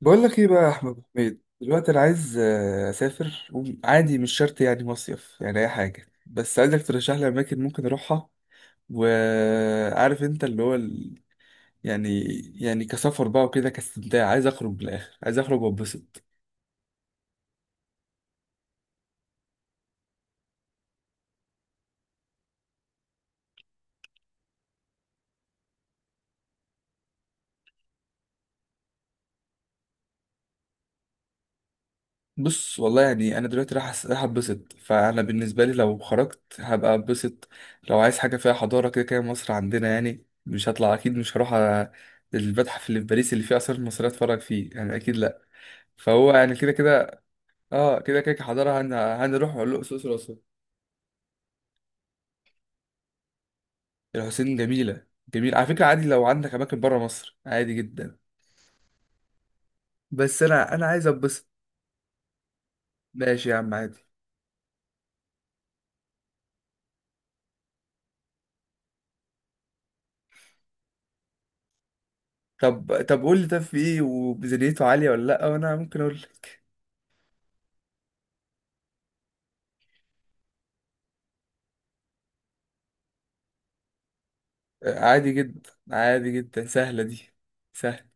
بقول لك ايه بقى يا احمد أبو حميد؟ دلوقتي انا عايز اسافر، وعادي مش شرط يعني مصيف، يعني اي حاجه، بس عايزك ترشح لي اماكن ممكن اروحها. وعارف انت اللي هو يعني، يعني كسفر بقى وكده، كاستمتاع، عايز اخرج بالاخر، عايز اخرج واتبسط. بص والله يعني انا دلوقتي راح اتبسط، فانا بالنسبه لي لو خرجت هبقى اتبسط. لو عايز حاجه فيها حضاره، كده كده مصر عندنا، يعني مش هطلع اكيد، مش هروح المتحف اللي في باريس اللي فيه اثار مصريه اتفرج فيه، يعني اكيد لا. فهو يعني كده كده. اه كده كده حضرها، هنروح الاقصر، الاقصر. الحسين جميله. جميل على فكره، عادي لو عندك اماكن بره مصر، عادي جدا. بس انا عايز اتبسط. ماشي يا عم، عادي. طب قول لي، طب في ايه وميزانيته عاليه ولا لا، وانا ممكن اقول لك. عادي جدا، عادي جدا، سهله دي. سهل.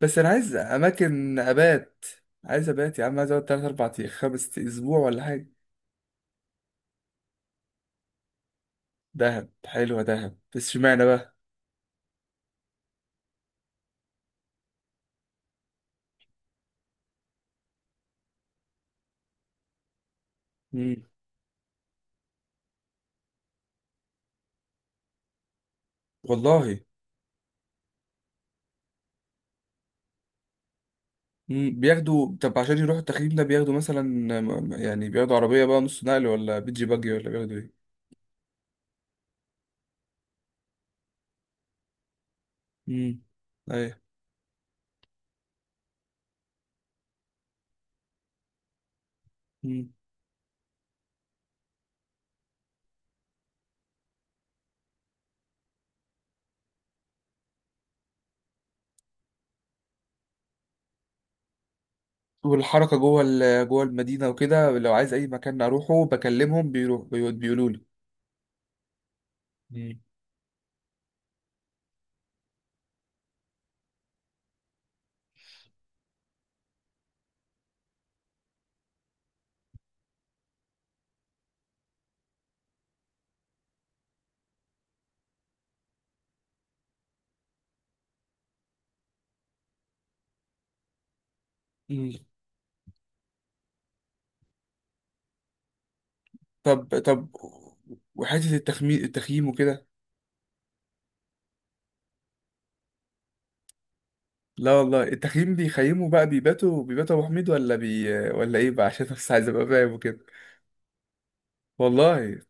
بس انا عايز اماكن ابات، عايز ابات يا عم، عايز اقعد 3 4 ايام، 5 اسبوع ولا حاجه. دهب حلوه، دهب بس اشمعنى بقى؟ مم. والله. مم، بياخدوا، طب عشان يروحوا التخييم ده بياخدوا مثلا يعني بياخدوا عربية بقى نص نقل ولا بيجي باجي ولا بياخدوا ايه؟ امم. ايوه. مم. والحركة جوه جوه المدينة وكده، لو عايز أي مكان أروحه بكلمهم، بيروح بيقولوا لي. مم. مم. طب طب. وحتة التخييم وكده. لا والله، التخييم بيخيموا بقى، بيباتوا، بيباتوا أبو حميد ولا ولا إيه بقى؟ عشان بس عايز أبقى فاهم وكده. والله.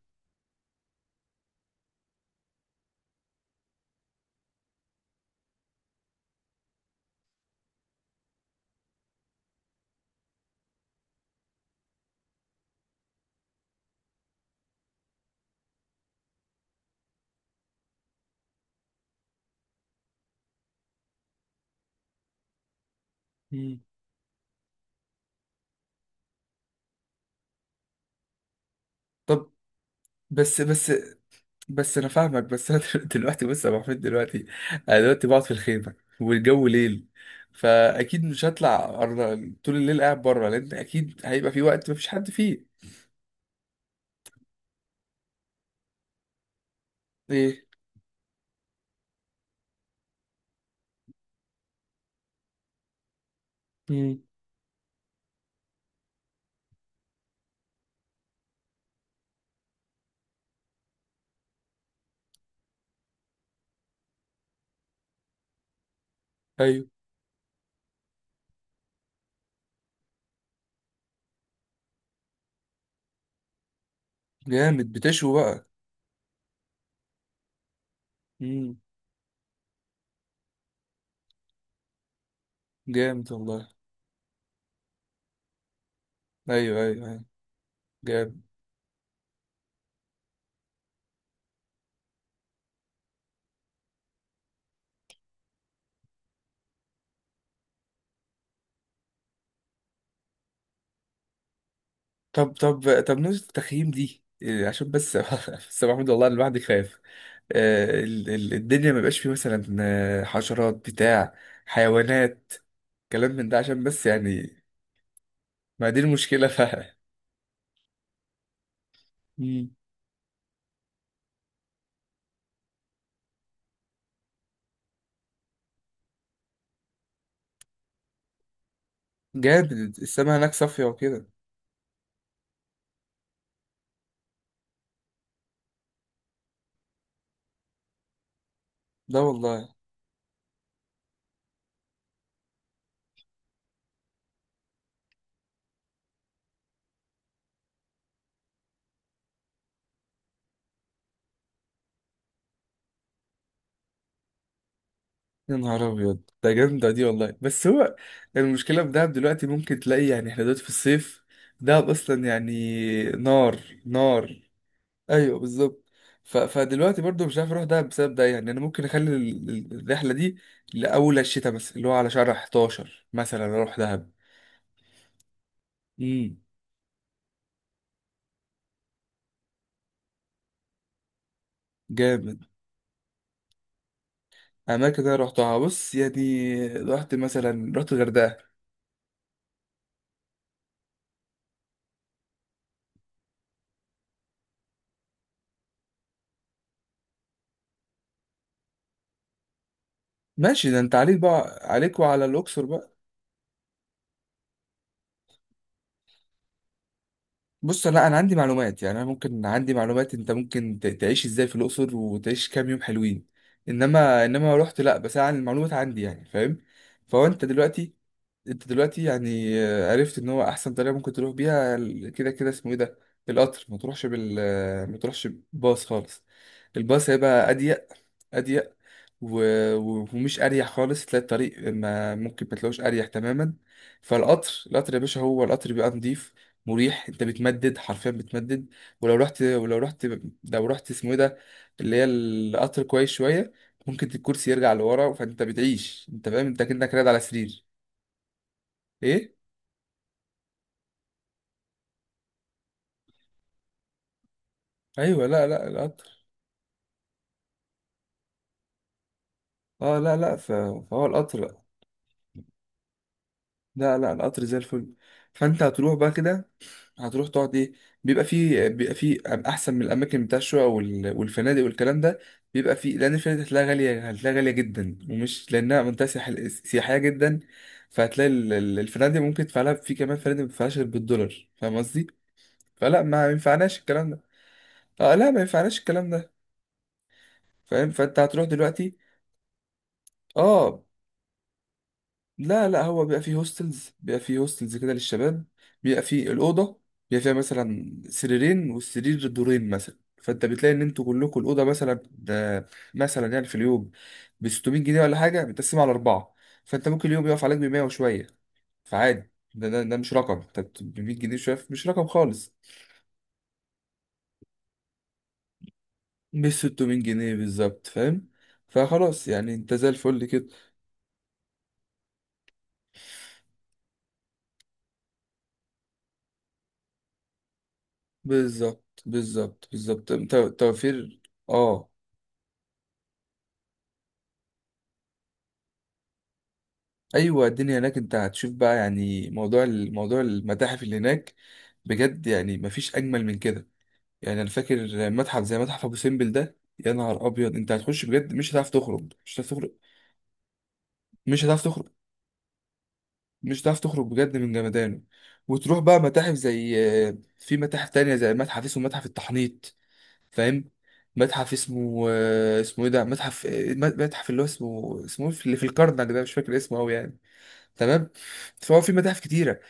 مم. طب. بس بس بس انا فاهمك، بس انا دلوقتي، بص يا ابو حميد دلوقتي، انا دلوقتي بقعد في الخيمه، والجو ليل، فاكيد مش هطلع طول الليل قاعد بره، لان اكيد هيبقى في وقت مفيش حد فيه. ايه. امم. ايوه. جامد، بتشوي بقى. امم. جامد والله. ايوه، ايوه، ايوه. جامد. طب نقطه التخييم دي إيه؟ عشان بس بس يا ابو حميد والله انا الواحد خايف، الدنيا ما بقاش فيه مثلا حشرات بتاع، حيوانات، كلام من ده، عشان بس يعني. ما دي المشكلة فعلا. مم. جامد. السما هناك صافية وكده. ده والله. يا نهار أبيض، ده جامدة دي والله. بس هو المشكلة في دهب دلوقتي، ممكن تلاقي، يعني احنا دلوقتي في الصيف، دهب أصلا يعني. نار. نار. أيوه بالظبط. ف... فدلوقتي برضو مش عارف أروح دهب بسبب ده، يعني أنا ممكن أخلي الرحلة دي لأول الشتاء مثلا، اللي هو على شهر 11 مثلا، أروح دهب. مم. جامد. أماكن أنا رحتها، بص يعني رحت مثلا، رحت الغردقة. ماشي، ده انت عليك بقى، عليك وعلى الاقصر بقى. بص، لا انا عندي معلومات يعني، انا ممكن عندي معلومات، انت ممكن تعيش ازاي في الاقصر، وتعيش كام يوم حلوين. انما لو رحت، لا بس انا عن المعلومات عندي يعني، فاهم؟ فهو انت دلوقتي، انت دلوقتي يعني عرفت ان هو احسن طريقه ممكن تروح بيها كده كده اسمه ايه ده، القطر. ما تروحش بال آه، ما تروحش باص خالص، الباص هيبقى اضيق، اضيق، و... و- ومش اريح خالص، تلاقي الطريق ما ممكن، ما تلاقوش اريح تماما. فالقطر، القطر يا باشا، هو القطر بيبقى نضيف، مريح، انت بتمدد، حرفيا بتمدد. ولو رحت لو رحت اسمه ايه ده، اللي هي القطر كويس شويه، ممكن الكرسي يرجع لورا، فانت بتعيش، انت فاهم؟ انت كأنك رايد على سرير. ايه. ايوه، لا، لا، القطر. اه، لا، لا، فهو القطر، لا، لا، القطر زي الفل. فانت هتروح بقى كده، هتروح تقعد ايه، بيبقى فيه احسن من الاماكن بتاع الشقق والفنادق والكلام ده. بيبقى فيه، لان الفنادق هتلاقيها غاليه، هتلاقيها غاليه جدا، ومش لانها منطقه سياحيه جدا. فهتلاقي الفنادق ممكن تدفع لها، في كمان فنادق ما بتدفعهاش غير بالدولار، فاهم قصدي؟ فلا ما ينفعناش الكلام ده، اه لا ما ينفعناش الكلام ده. فاهم؟ فانت هتروح دلوقتي. اه، لا هو بيبقى فيه هوستلز، بيبقى فيه هوستلز كده للشباب، بيبقى فيه الأوضة، بيبقى فيها مثلا سريرين، والسرير دورين مثلا، فانت بتلاقي ان انتوا كلكم الأوضة مثلا ده، مثلا يعني في اليوم ب 600 جنيه ولا حاجة متقسمة على أربعة، فانت ممكن اليوم يقف عليك ب 100 وشوية. فعادي، ده مش رقم، انت ب 100 جنيه شوية مش رقم خالص، مش 600 جنيه بالظبط، فاهم؟ فخلاص يعني انت زي الفل كده. بالظبط، بالظبط، بالظبط، انت توفير. اه. ايوه، الدنيا هناك انت هتشوف بقى، يعني موضوع المتاحف اللي هناك بجد، يعني مفيش اجمل من كده. يعني انا فاكر متحف زي متحف ابو سمبل، ده يا نهار ابيض، انت هتخش بجد مش هتعرف تخرج، مش هتعرف تخرج، مش هتعرف تخرج، مش هتعرف تخرج بجد من جمدانه. وتروح بقى متاحف زي، في متاحف تانية زي متحف اسمه متحف التحنيط، فاهم؟ متحف اسمه، اسمه ايه ده متحف متحف اللي هو اسمه إيه؟ اللي في الكرنك ده، مش فاكر اسمه قوي يعني. تمام. فهو في متاحف كتيرة.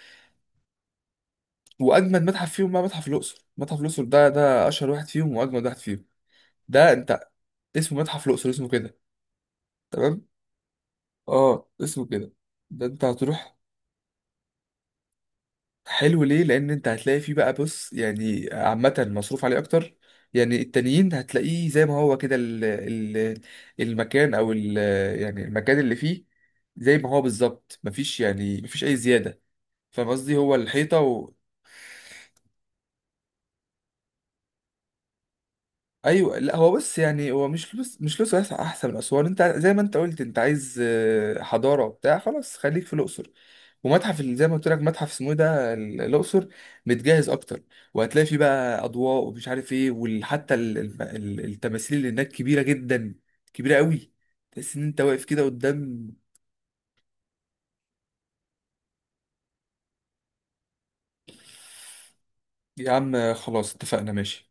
واجمد متحف فيهم بقى، متحف الاقصر، متحف الاقصر ده ده اشهر واحد فيهم واجمد واحد فيهم. ده انت، اسمه متحف الاقصر، اسمه كده. تمام، اه اسمه كده. ده انت هتروح. حلو ليه؟ لان انت هتلاقي فيه بقى، بص يعني عامه مصروف عليه اكتر، يعني التانيين هتلاقيه زي ما هو كده، ال ال المكان او يعني المكان اللي فيه زي ما هو بالظبط، مفيش يعني مفيش اي زياده. فاهم قصدي؟ هو الحيطه. ايوه، لا هو بص يعني، هو مش لوس، بس احسن من اسوان. انت زي ما انت قلت انت عايز حضاره وبتاع، خلاص خليك في الاقصر. ومتحف زي ما قلت لك متحف اسمه إيه ده الاقصر، متجهز اكتر، وهتلاقي فيه بقى اضواء ومش عارف ايه، وحتى التماثيل اللي هناك كبيره جدا، كبيره قوي، تحس ان انت واقف كده قدام. يا عم خلاص اتفقنا ماشي.